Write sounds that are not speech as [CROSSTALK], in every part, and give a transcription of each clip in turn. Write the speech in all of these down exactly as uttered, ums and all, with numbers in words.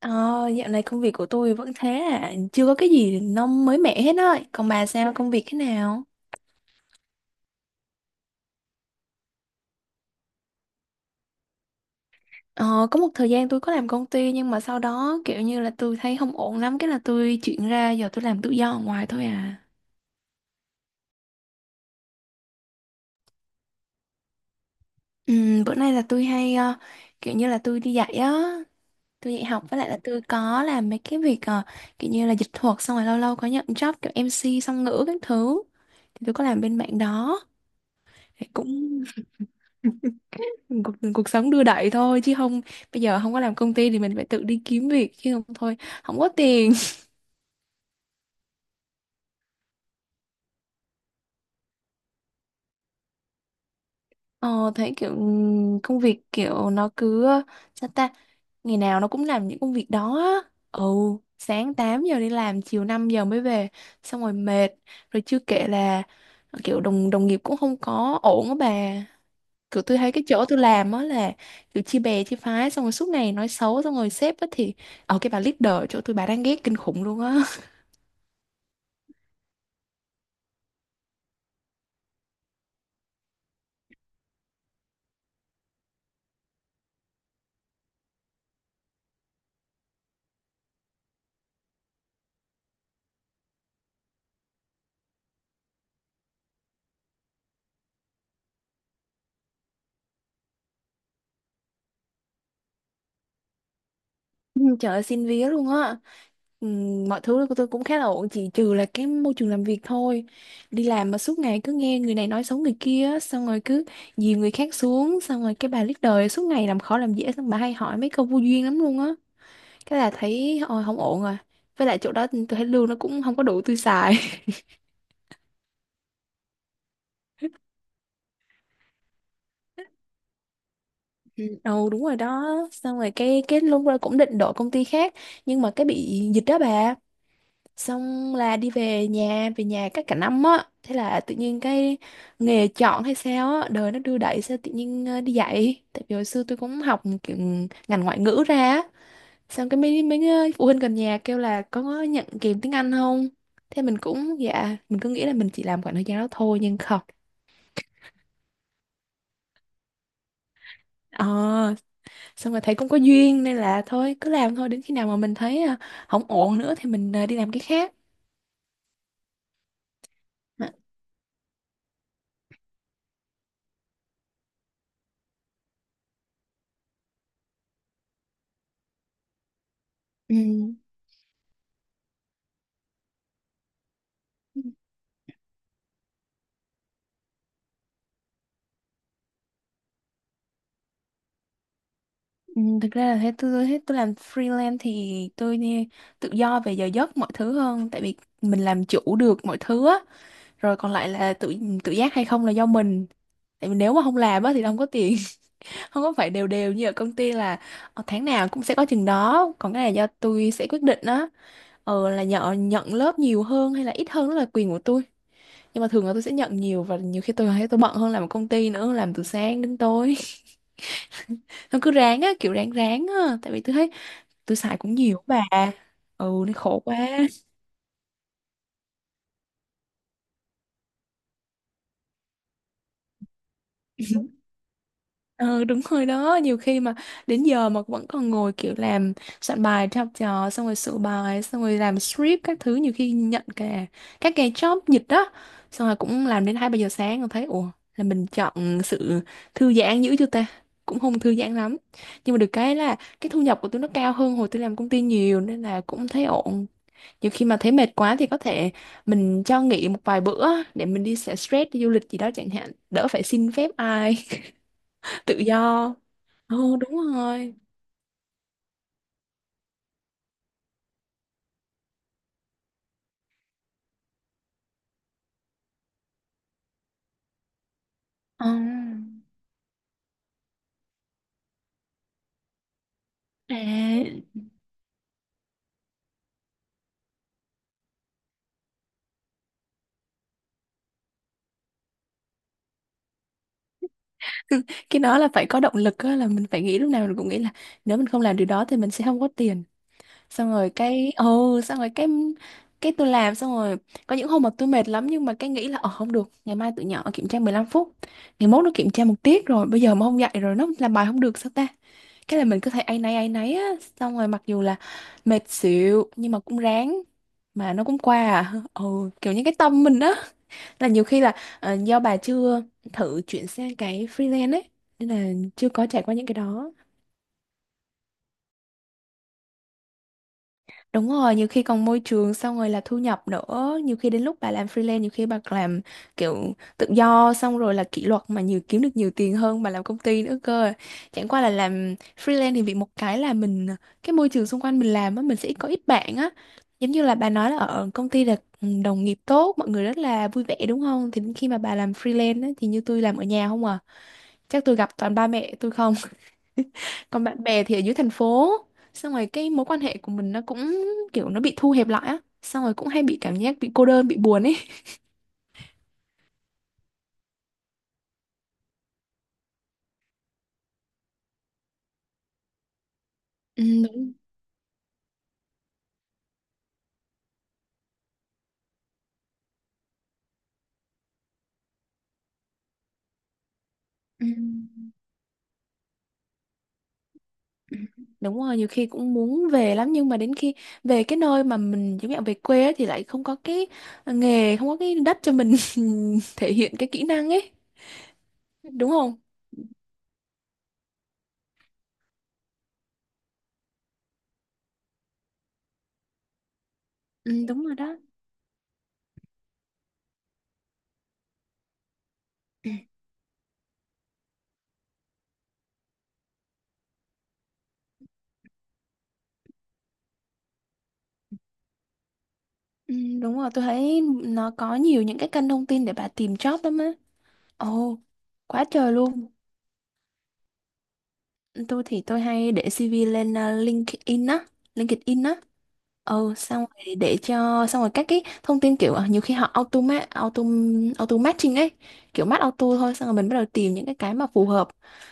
Ờ, Dạo này công việc của tôi vẫn thế à, chưa có cái gì nó mới mẻ hết á. Còn bà sao công việc thế nào? Ờ, có một thời gian tôi có làm công ty nhưng mà sau đó kiểu như là tôi thấy không ổn lắm, cái là tôi chuyển ra giờ tôi làm tự do ở ngoài thôi à. Ừm, bữa nay là tôi hay ờ, kiểu như là tôi đi dạy á, tôi dạy học với lại là tôi có làm mấy cái việc ờ, kiểu như là dịch thuật, xong rồi lâu lâu có nhận job kiểu em xê song ngữ các thứ. Thì tôi có làm bên mạng đó. Thì cũng cuộc, cuộc sống đưa đẩy thôi chứ không, bây giờ không có làm công ty thì mình phải tự đi kiếm việc chứ không thôi không có tiền. [LAUGHS] ờ, Thấy kiểu ừm, công việc kiểu nó cứ, sao ta, ngày nào nó cũng làm những công việc đó á. Ừ, sáng tám giờ đi làm chiều năm giờ mới về, xong rồi mệt, rồi chưa kể là ờ, kiểu đồng đồng nghiệp cũng không có ổn á bà. Kiểu tôi thấy cái chỗ tôi làm á là kiểu chia bè chia phái, xong rồi suốt ngày nói xấu, xong rồi sếp á thì, ở cái bà leader ở chỗ tôi bà đang ghét kinh khủng luôn á. Ừ, trời ơi, xin vía luôn á. Ừ, mọi thứ của tôi cũng khá là ổn, chỉ trừ là cái môi trường làm việc thôi. Đi làm mà suốt ngày cứ nghe người này nói xấu người kia á, xong rồi cứ dìm người khác xuống, xong rồi cái bà leader đời suốt ngày làm khó làm dễ, xong bà hay hỏi mấy câu vô duyên lắm luôn á. Cái là thấy ôi không ổn rồi. Với lại chỗ đó tôi thấy lương nó cũng không có đủ tôi xài. Ừ, [LAUGHS] ồ đúng rồi đó. Xong rồi cái cái lúc đó cũng định đổi công ty khác, nhưng mà cái bị dịch đó bà, xong là đi về nhà, về nhà cách cả năm á, thế là tự nhiên cái nghề chọn hay sao á, đời nó đưa đẩy sao tự nhiên ờ, đi dạy, tại vì hồi xưa tôi cũng học kiểu ngành ngoại ngữ ra á. Xong cái mấy mấy ờ, phụ huynh gần nhà kêu là có nhận kèm tiếng Anh không, thế mình cũng dạ, mình cứ nghĩ là mình chỉ làm khoảng thời gian đó thôi nhưng không. Ờ, xong rồi thấy cũng có duyên nên là thôi cứ làm thôi, đến khi nào mà mình thấy ờ, không ổn nữa thì mình ờ, đi làm cái khác. Ờ, ừ. Ừ, thực ra là thế, tôi thế tôi làm freelance thì tôi đi tự do về giờ giấc mọi thứ hơn, tại vì mình làm chủ được mọi thứ á, rồi còn lại là tự tự giác hay không là do mình, tại vì nếu mà không làm á thì không có tiền. [LAUGHS] Không có phải đều đều như ở công ty là ờ, tháng nào cũng sẽ có chừng đó, còn cái này do tôi sẽ quyết định á, ờ là nhận nhận lớp nhiều hơn hay là ít hơn đó là quyền của tôi. Nhưng mà thường là tôi sẽ nhận nhiều, và nhiều khi tôi thấy tôi bận hơn làm ở công ty nữa, làm từ sáng đến tối, nó cứ ráng á, kiểu ráng ráng á, tại vì tôi thấy tôi xài cũng nhiều bà. Ừ nên khổ quá. Ừ đúng rồi đó. Nhiều khi mà đến giờ mà vẫn còn ngồi kiểu làm soạn bài cho học trò, xong rồi sửa bài, xong rồi làm script các thứ. Nhiều khi nhận cả các cái job dịch đó, xong rồi cũng làm đến hai ba giờ sáng, rồi thấy ủa là mình chọn sự thư giãn dữ chưa ta. Cũng không thư giãn lắm, nhưng mà được cái là cái thu nhập của tôi nó cao hơn hồi tôi làm công ty nhiều, nên là cũng thấy ổn. Nhiều khi mà thấy mệt quá thì có thể mình cho nghỉ một vài bữa để mình đi xả stress đi du lịch gì đó chẳng hạn, đỡ phải xin phép ai, [LAUGHS] tự do. Ồ đúng rồi. Ờ. À, cái đó là phải có động lực á, là mình phải nghĩ, lúc nào mình cũng nghĩ là nếu mình không làm điều đó thì mình sẽ không có tiền. Xong rồi cái ồ xong rồi cái cái tôi làm, xong rồi có những hôm mà tôi mệt lắm nhưng mà cái nghĩ là ờ không được, ngày mai tụi nhỏ kiểm tra mười lăm phút. Ngày mốt nó kiểm tra một tiết rồi, bây giờ mà không dạy rồi nó làm bài không được sao ta? Cái là mình cứ thấy áy náy áy náy á, xong rồi mặc dù là mệt xỉu nhưng mà cũng ráng mà nó cũng qua à. [LAUGHS] Ồ kiểu như cái tâm mình á. Là nhiều khi là ờ, do bà chưa thử chuyển sang cái freelance ấy nên là chưa có trải qua những cái đó. Đúng rồi, nhiều khi còn môi trường, xong rồi là thu nhập nữa, nhiều khi đến lúc bà làm freelance, nhiều khi bà làm kiểu tự do xong rồi là kỷ luật mà nhiều, kiếm được nhiều tiền hơn bà làm công ty nữa cơ. Chẳng qua là làm freelance thì bị một cái là mình, cái môi trường xung quanh mình làm á, mình sẽ có ít bạn á. Giống như là bà nói là ở công ty là ừ, đồng nghiệp tốt, mọi người rất là vui vẻ đúng không, thì đến khi mà bà làm freelance á, thì như tôi làm ở nhà không à, chắc tôi gặp toàn ba mẹ tôi không. [LAUGHS] Còn bạn bè thì ở dưới thành phố, xong rồi cái mối quan hệ của mình nó cũng kiểu nó bị thu hẹp lại á, xong rồi cũng hay bị cảm giác bị cô đơn bị buồn ấy. [LAUGHS] Ừ, đúng. Ừ. Đúng rồi, nhiều khi cũng muốn về lắm nhưng mà đến khi về cái nơi mà mình giống như về quê á thì lại không có cái nghề, không có cái đất cho mình [LAUGHS] thể hiện cái kỹ năng ấy, đúng không. Ừ, đúng rồi đó. Ừ, ừ, đúng rồi, tôi thấy nó có nhiều những cái kênh thông tin để bà tìm job lắm á. Ồ quá trời luôn. Tôi thì tôi hay để xê vê lên à, LinkedIn á, LinkedIn á. Ừ, xong rồi để cho, xong rồi các cái thông tin kiểu à, nhiều khi họ automat auto auto matching ấy, kiểu match auto thôi, xong rồi mình bắt đầu tìm những cái cái mà phù hợp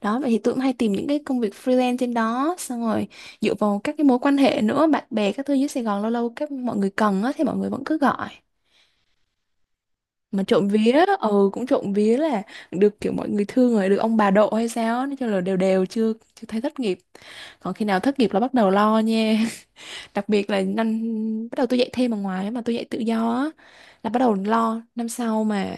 đó. Vậy thì tôi cũng hay tìm những cái công việc freelance trên đó, xong rồi dựa vào các cái mối quan hệ nữa, bạn bè các thứ dưới Sài Gòn lâu lâu các mọi người cần á thì mọi người vẫn cứ gọi. Mà trộm vía, ừ cũng trộm vía là được kiểu mọi người thương, rồi được ông bà độ hay sao á, nói chung là đều đều, chưa chưa thấy thất nghiệp. Còn khi nào thất nghiệp là bắt đầu lo nha. [LAUGHS] Đặc biệt là năm bắt đầu tôi dạy thêm ở ngoài á, mà tôi dạy tự do á, là bắt đầu lo năm sau mà,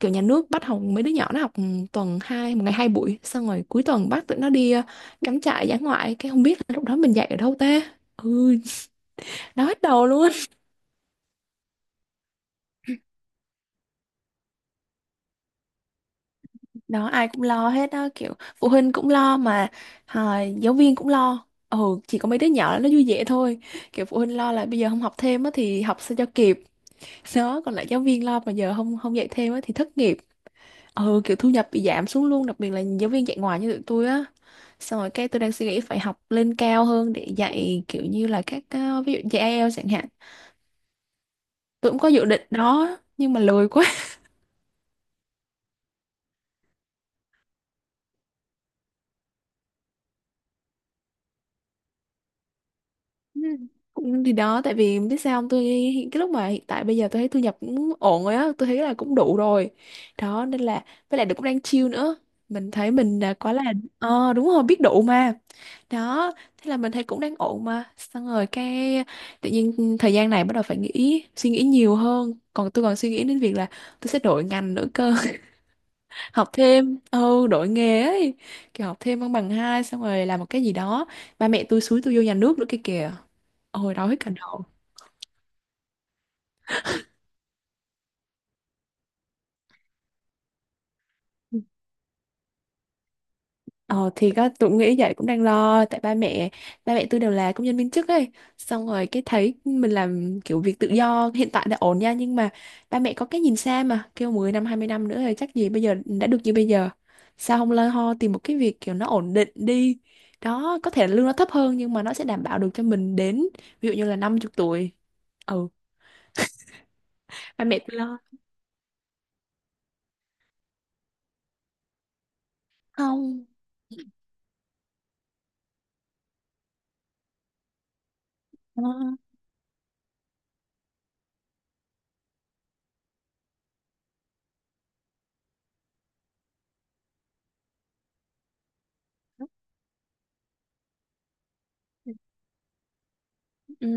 kiểu nhà nước bắt học, mấy đứa nhỏ nó học tuần hai, một ngày hai buổi, xong rồi cuối tuần bắt tụi nó đi ờ, cắm trại dã ngoại, cái không biết là lúc đó mình dạy ở đâu ta. Ừ, đau hết đầu luôn. Đó ai cũng lo hết á, kiểu phụ huynh cũng lo mà à, giáo viên cũng lo. Ừ, chỉ có mấy đứa nhỏ nó vui vẻ thôi. Kiểu phụ huynh lo là bây giờ không học thêm á thì học sao cho kịp đó, còn lại giáo viên lo mà giờ không không dạy thêm á thì thất nghiệp. Ừ, kiểu thu nhập bị giảm xuống luôn, đặc biệt là giáo viên dạy ngoài như tụi tôi á. Xong rồi cái tôi đang suy nghĩ phải học lên cao hơn để dạy kiểu như là các ờ, ví dụ dạy ai eo chẳng hạn. Tôi cũng có dự định đó nhưng mà lười quá. Ừ, cũng thì đó, tại vì biết sao không, tôi hiện- cái lúc mà hiện tại bây giờ tôi thấy thu nhập cũng ổn rồi á, tôi thấy là cũng đủ rồi đó, nên là với lại được cũng đang chill nữa, mình thấy mình là quá là. Ờ đúng rồi, biết đủ mà. Đó thế là mình thấy cũng đang ổn, mà xong rồi cái tự nhiên thời gian này bắt đầu phải nghĩ suy nghĩ nhiều hơn, còn tôi còn suy nghĩ đến việc là tôi sẽ đổi ngành nữa cơ. [LAUGHS] Học thêm, ừ đổi nghề ấy, kiểu học thêm bằng bằng hai xong rồi làm một cái gì đó. Ba mẹ tôi xúi tôi vô nhà nước nữa kia kìa. Ôi đau hết cả đầu. Ờ thì có tụi nghĩ vậy, cũng đang lo tại ba mẹ, ba mẹ tôi đều là công nhân viên chức ấy. Xong rồi cái thấy mình làm kiểu việc tự do hiện tại đã ổn nha, nhưng mà ba mẹ có cái nhìn xa mà kêu mười năm hai mươi năm nữa thì chắc gì bây giờ đã được như bây giờ, sao không lo ho tìm một cái việc kiểu nó ổn định đi, đó có thể là lương nó thấp hơn nhưng mà nó sẽ đảm bảo được cho mình đến ví dụ như là năm mươi tuổi. Ừ, ba mẹ tôi lo. Không. ờ, ừ.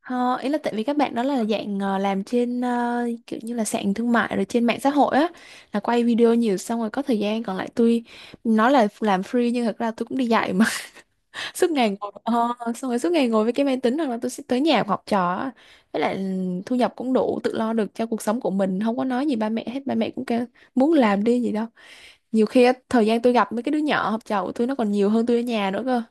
Ờ, ý là tại vì các bạn đó là dạng ờ, làm trên ờ, kiểu như là sàn thương mại rồi trên mạng xã hội á, là quay video nhiều, xong rồi có thời gian còn lại tôi nói là làm free nhưng thật ra tôi cũng đi dạy mà. [LAUGHS] Suốt ngày ngồi ờ, xong rồi suốt ngày ngồi với cái máy tính hoặc là tôi sẽ tới nhà học trò á. Với lại ừ, thu nhập cũng đủ tự lo được cho cuộc sống của mình, không có nói gì ba mẹ hết, ba mẹ cũng kêu muốn làm đi gì đâu. Nhiều khi á, thời gian tôi gặp mấy cái đứa nhỏ học trò của tôi nó còn nhiều hơn tôi ở nhà nữa cơ.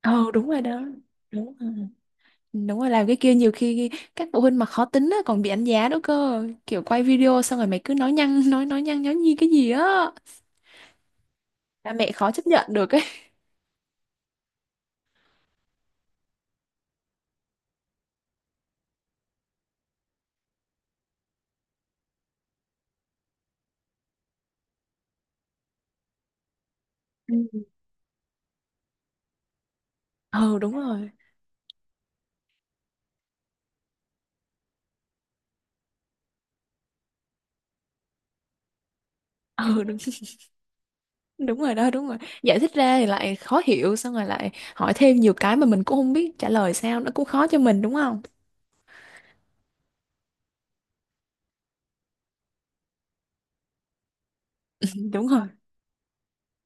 Ờ đúng rồi đó, đúng rồi. Đúng rồi, làm cái kia nhiều khi các phụ huynh mà khó tính á, còn bị đánh giá nữa cơ, kiểu quay video xong rồi mày cứ nói nhăng [LAUGHS] nói nói nhăng nói nhi cái gì á. Ba mẹ khó chấp nhận được ấy. Ừ. [LAUGHS] Ừ đúng rồi. Ừ đúng. [LAUGHS] Đúng rồi đó, đúng rồi, giải thích ra thì lại khó hiểu, xong rồi lại hỏi thêm nhiều cái mà mình cũng không biết trả lời sao, nó cũng khó cho mình đúng không. Đúng rồi,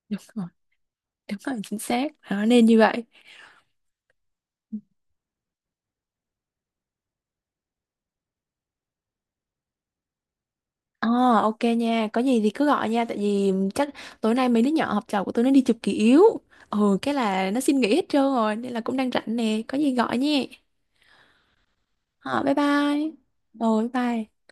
đúng rồi, đúng rồi chính xác đó, nên như vậy. Ờ ok nha, có gì thì cứ gọi nha, tại vì chắc tối nay mấy đứa nhỏ học trò của tôi nó đi chụp kỷ yếu. Ừ, cái là nó xin nghỉ hết trơn rồi, nên là cũng đang rảnh nè, có gì gọi nhé. Ờ, bye bye. Rồi bye.